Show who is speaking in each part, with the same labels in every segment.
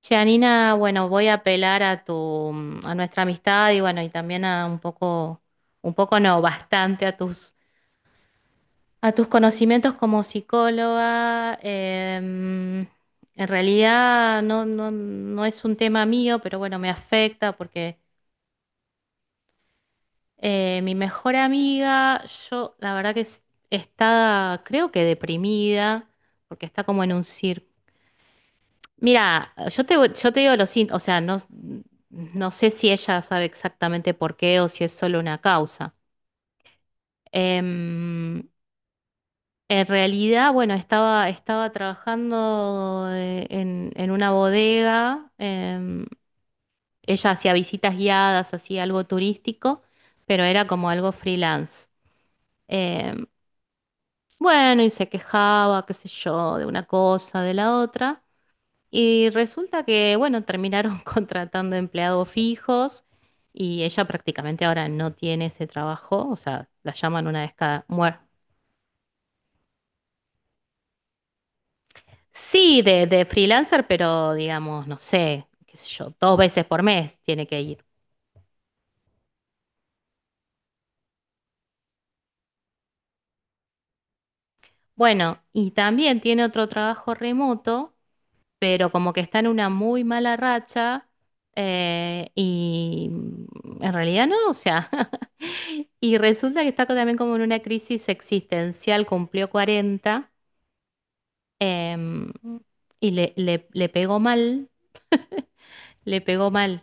Speaker 1: Che, Anina, bueno, voy a apelar a nuestra amistad, y bueno, y también a un poco no, bastante a tus conocimientos como psicóloga. En realidad no es un tema mío, pero bueno, me afecta porque mi mejor amiga, yo la verdad que es- está, creo que, deprimida, porque está como en un círculo. Mira, yo te digo lo siguiente. O sea, no sé si ella sabe exactamente por qué o si es solo una causa. Em, en realidad, bueno, estaba trabajando en una bodega, ella hacía visitas guiadas, hacía algo turístico, pero era como algo freelance. Em, bueno, y se quejaba, qué sé yo, de una cosa, de la otra. Y resulta que, bueno, terminaron contratando empleados fijos, y ella prácticamente ahora no tiene ese trabajo. O sea, la llaman una vez cada. Sí, de freelancer, pero digamos, no sé, qué sé yo, 2 veces por mes tiene que ir. Bueno, y también tiene otro trabajo remoto, pero como que está en una muy mala racha, y en realidad no, o sea, y resulta que está también como en una crisis existencial. Cumplió 40, em, y le pegó mal, le pegó mal.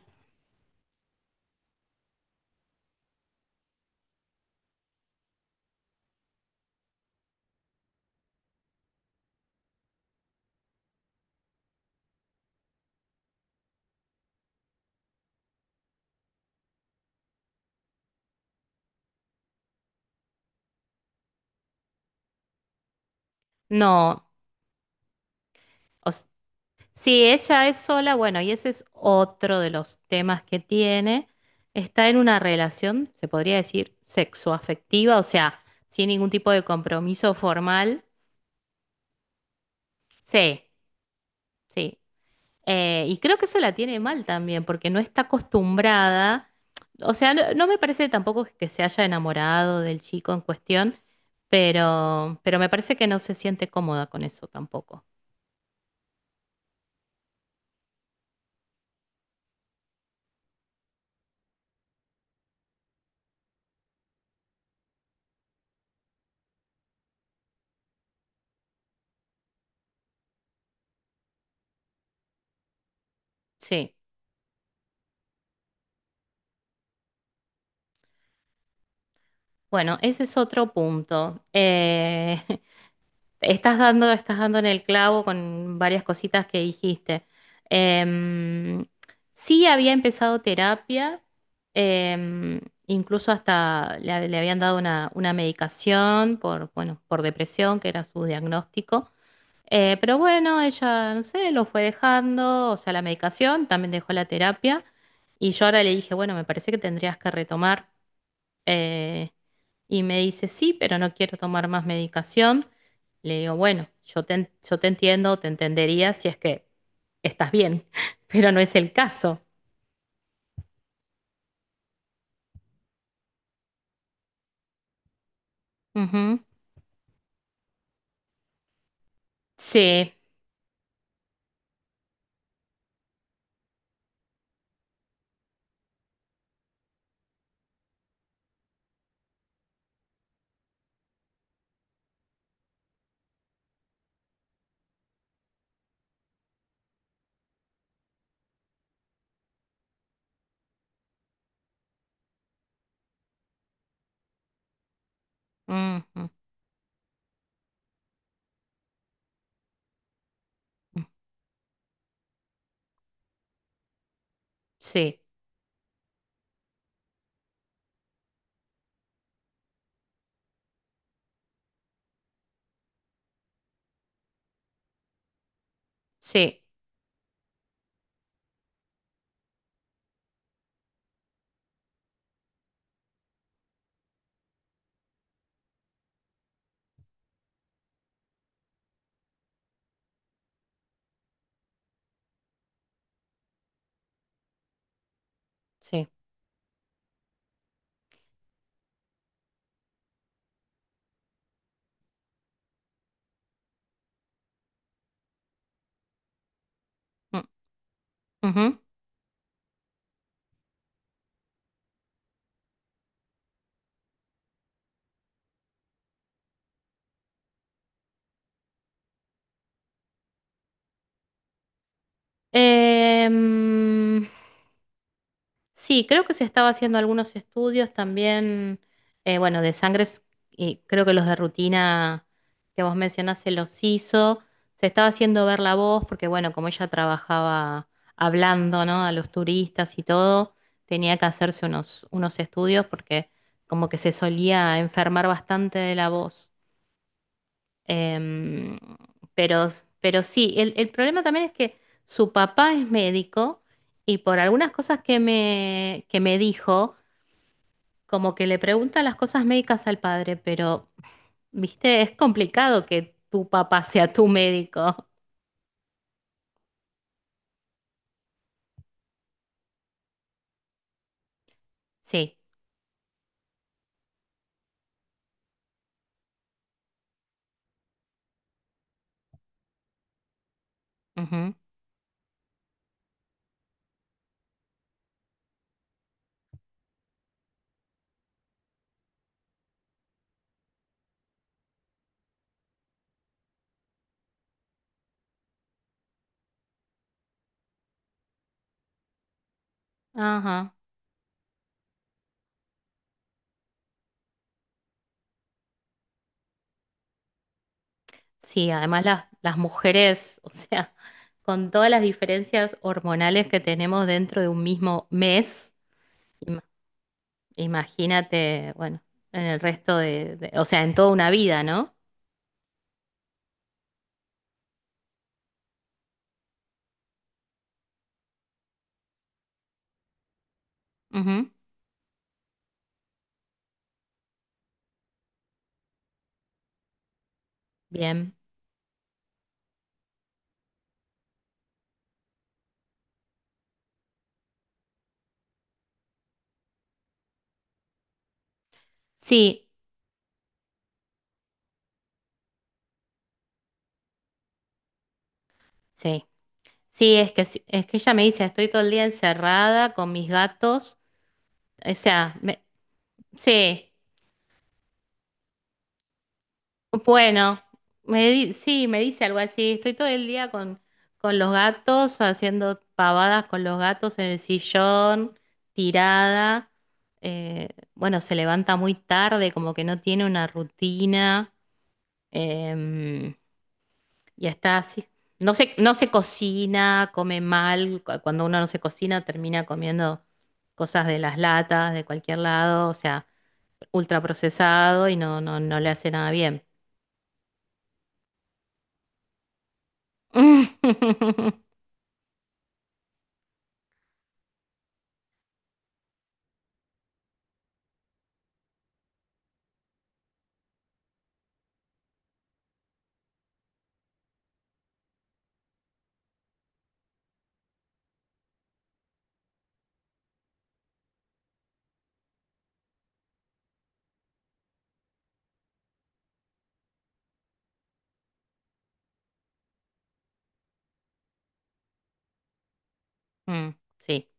Speaker 1: No, o s- si ella es sola, bueno, y ese es otro de los temas que tiene. Está en una relación, se podría decir, sexoafectiva, o sea, sin ningún tipo de compromiso formal. Sí. Sí. Y creo que se la tiene mal también, porque no está acostumbrada. O sea, no me parece tampoco que se haya enamorado del chico en cuestión, pero, me parece que no se siente cómoda con eso tampoco. Sí, bueno, ese es otro punto. Estás dando en el clavo con varias cositas que dijiste. Em, sí, había empezado terapia, em, incluso hasta le habían dado una medicación por, bueno, por depresión, que era su diagnóstico. Pero bueno, ella, no sé, lo fue dejando, o sea, la medicación. También dejó la terapia. Y yo ahora le dije, bueno, me parece que tendrías que retomar. Eh, y me dice, sí, pero no quiero tomar más medicación. Le digo, bueno, yo te entiendo, te entendería si es que estás bien, pero no es el caso. Ujú. Sí. Ujú. Sí. Sí. Sí. Mm, ujú. Em, Sí, creo que se estaba haciendo algunos estudios también, bueno, de sangre, y creo que los de rutina que vos mencionás se los hizo. Se estaba haciendo ver la voz, porque bueno, como ella trabajaba hablando, ¿no? A los turistas y todo, tenía que hacerse unos estudios porque como que se solía enfermar bastante de la voz. Em, pero, pero sí, el problema también es que su papá es médico, y por algunas cosas que me dijo, como que le pregunta las cosas médicas al padre. Pero, viste, es complicado que tu papá sea tu médico. Sí. Ujú. Ajá. Sí, además las mujeres, o sea, con todas las diferencias hormonales que tenemos dentro de un mismo mes. Imagínate, bueno, en el resto de, o sea, en toda una vida, ¿no? Ujú. Bien. Sí, sí. Sí, es que es que ella me dice, estoy todo el día encerrada con mis gatos. O sea, sí, bueno, sí, me dice algo así, estoy todo el día con, los gatos, haciendo pavadas con los gatos en el sillón, tirada. Eh, bueno, se levanta muy tarde, como que no tiene una rutina. Em, Ya está así. No se cocina, come mal. Cuando uno no se cocina, termina comiendo cosas de las latas, de cualquier lado. O sea, ultra procesado, y no le hace nada bien. Mm, sí,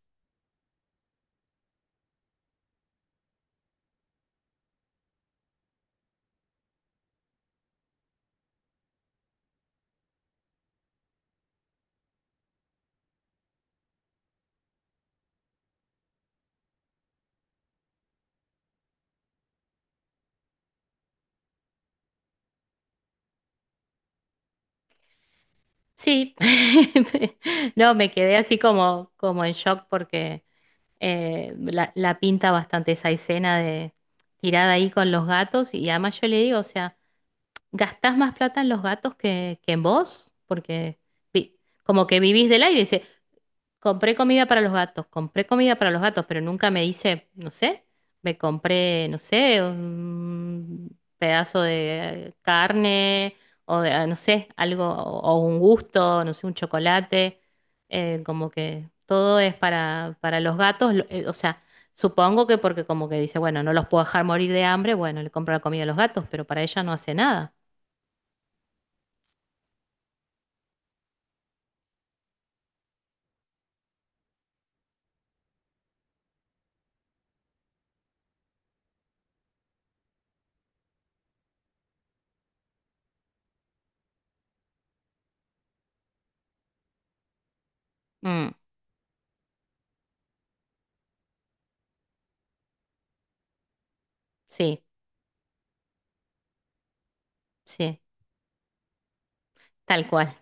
Speaker 1: sí. No, me quedé así como, en shock, porque la pinta bastante esa escena de tirada ahí con los gatos. Y además yo le digo, o sea, gastás más plata en los gatos que en vos, porque vi- como que vivís del aire. Dice, compré comida para los gatos, compré comida para los gatos, pero nunca me dice, no sé, me compré, no sé, un pedazo de carne, o de, no sé, algo, o, un gusto, no sé, un chocolate. Como que todo es para, los gatos, o sea. Supongo que porque como que dice, bueno, no los puedo dejar morir de hambre, bueno, le compro la comida a los gatos, pero para ella no hace nada. Mm. Sí, sí, tal cual.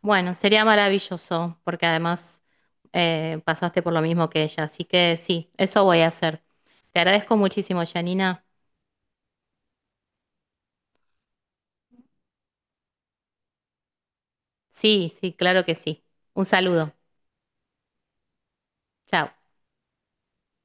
Speaker 1: Bueno, sería maravilloso, porque además pasaste por lo mismo que ella, así que sí, eso voy a hacer. Te agradezco muchísimo, Janina. Sí, sí, claro que sí. Un saludo. Chao.